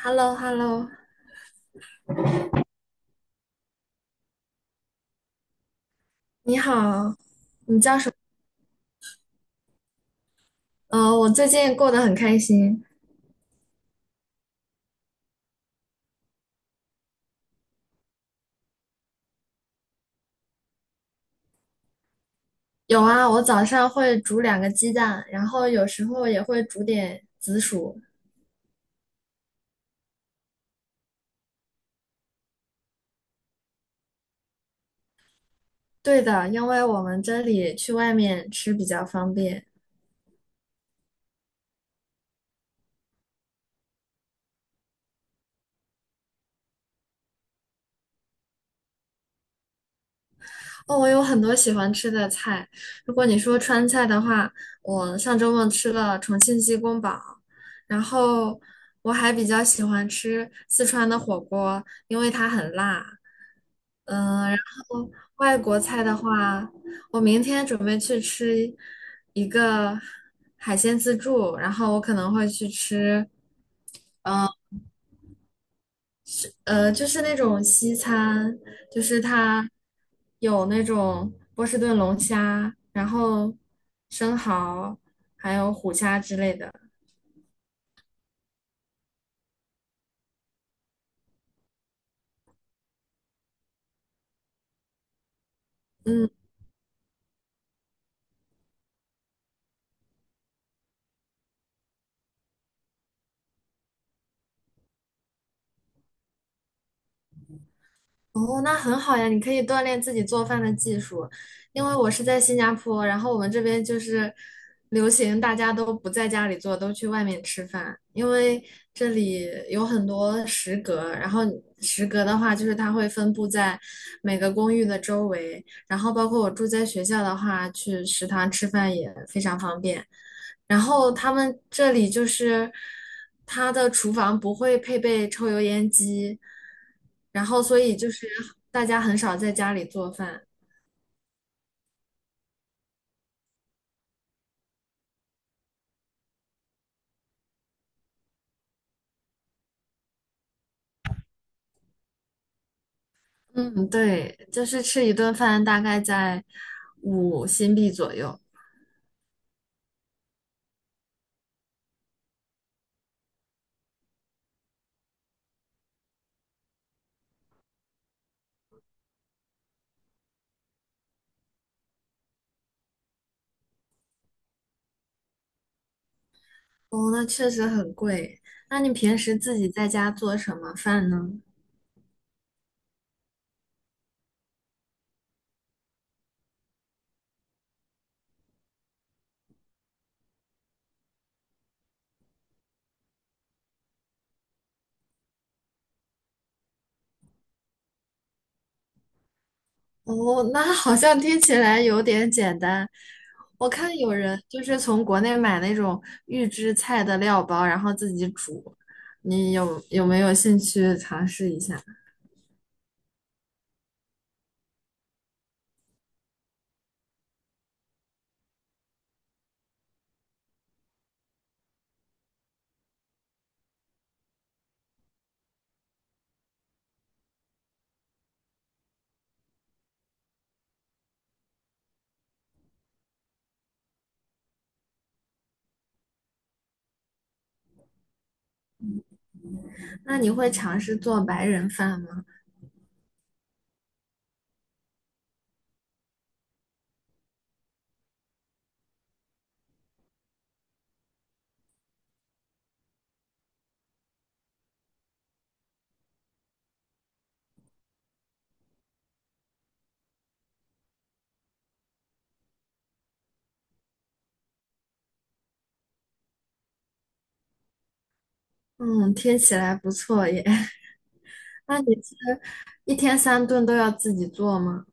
h e l l o h e l l o 你好，我最近过得很开心。有啊，我早上会煮两个鸡蛋，然后有时候也会煮点紫薯。对的，因为我们这里去外面吃比较方便。哦，我有很多喜欢吃的菜。如果你说川菜的话，我上周末吃了重庆鸡公煲，然后我还比较喜欢吃四川的火锅，因为它很辣。嗯，然后外国菜的话，我明天准备去吃一个海鲜自助，然后我可能会去吃。就是那种西餐，就是它有那种波士顿龙虾，然后生蚝，还有虎虾之类的。嗯，哦，那很好呀，你可以锻炼自己做饭的技术。因为我是在新加坡，然后我们这边就是流行大家都不在家里做，都去外面吃饭。因为这里有很多食阁，然后食阁的话，就是它会分布在每个公寓的周围，然后包括我住在学校的话，去食堂吃饭也非常方便。然后他们这里就是它的厨房不会配备抽油烟机。然后所以就是大家很少在家里做饭。嗯，对，就是吃一顿饭大概在5新币左右。哦，那确实很贵。那你平时自己在家做什么饭呢？哦，那好像听起来有点简单。我看有人就是从国内买那种预制菜的料包，然后自己煮。你有没有兴趣尝试一下？那你会尝试做白人饭吗？嗯，听起来不错耶。那你一天三顿都要自己做吗？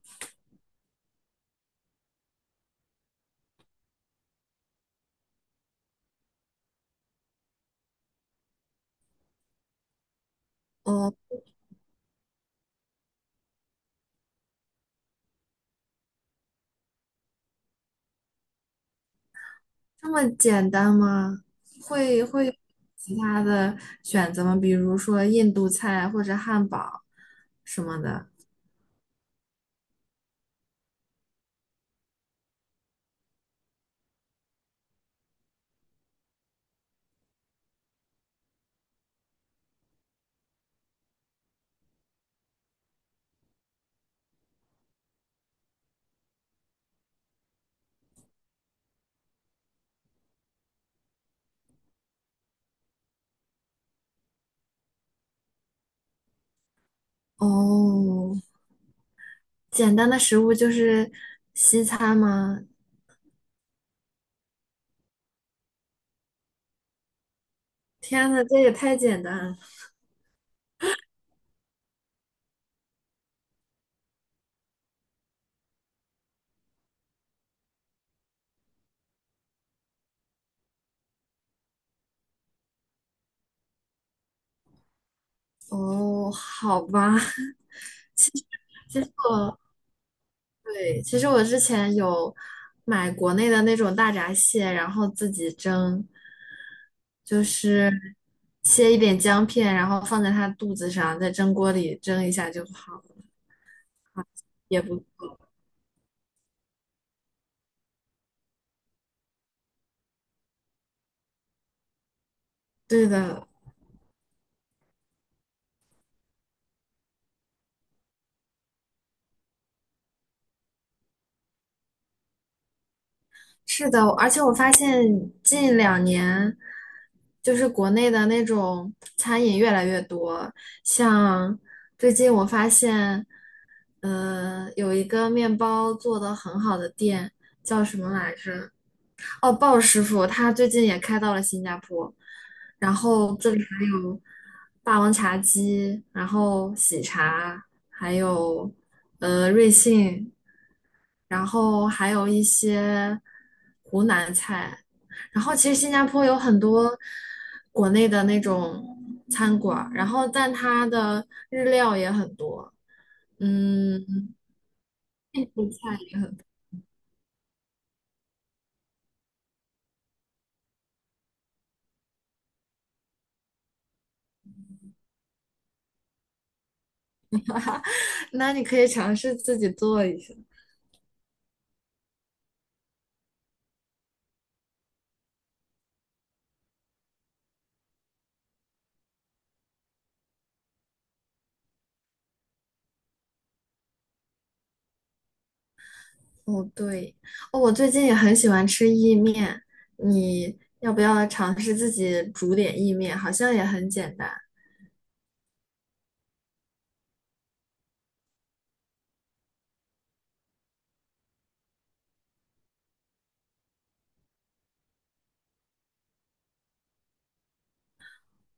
哦，这么简单吗？会有其他的选择吗？比如说印度菜或者汉堡什么的。哦，简单的食物就是西餐吗？天呐，这也太简单了。哦，好吧。其实我对，其实我之前有买国内的那种大闸蟹，然后自己蒸，就是切一点姜片，然后放在它肚子上，在蒸锅里蒸一下就好了，也不错。对的，是的，而且我发现近2年就是国内的那种餐饮越来越多，像最近我发现，有一个面包做的很好的店叫什么来着？哦，鲍师傅他最近也开到了新加坡，然后这里还有霸王茶姬，然后喜茶，还有瑞幸，然后还有一些湖南菜，然后其实新加坡有很多国内的那种餐馆儿，然后但它的日料也很多，嗯，那你可以尝试自己做一下。哦，对，哦，我最近也很喜欢吃意面，你要不要尝试自己煮点意面？好像也很简单。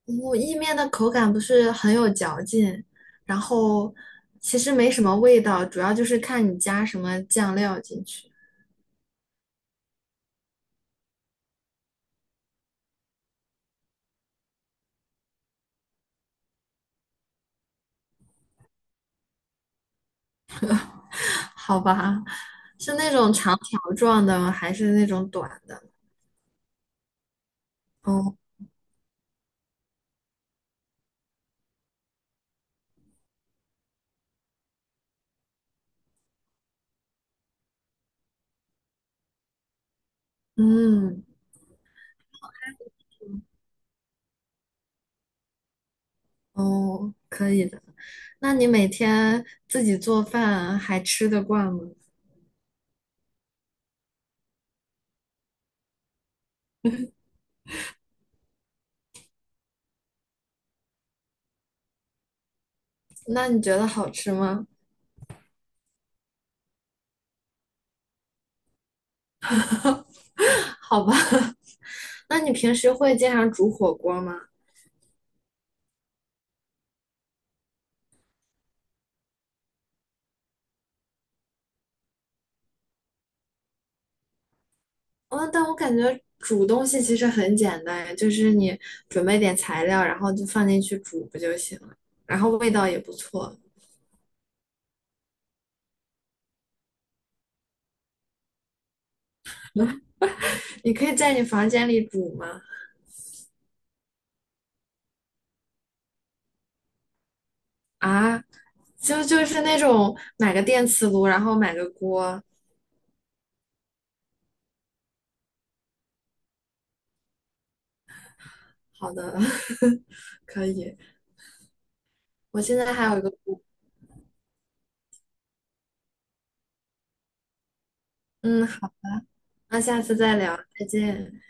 我意面的口感不是很有嚼劲，然后其实没什么味道，主要就是看你加什么酱料进去，好吧？是那种长条状的，还是那种短的？哦，嗯，哦，可以的。那你每天自己做饭还吃得惯吗？那你觉得好吃吗？好吧，那你平时会经常煮火锅吗？嗯，但我感觉煮东西其实很简单，就是你准备点材料，然后就放进去煮不就行了？然后味道也不错。你可以在你房间里煮吗？啊，就是那种买个电磁炉，然后买个锅。好的，可以。我现在还有一个锅。嗯，好，那下次再聊，再见。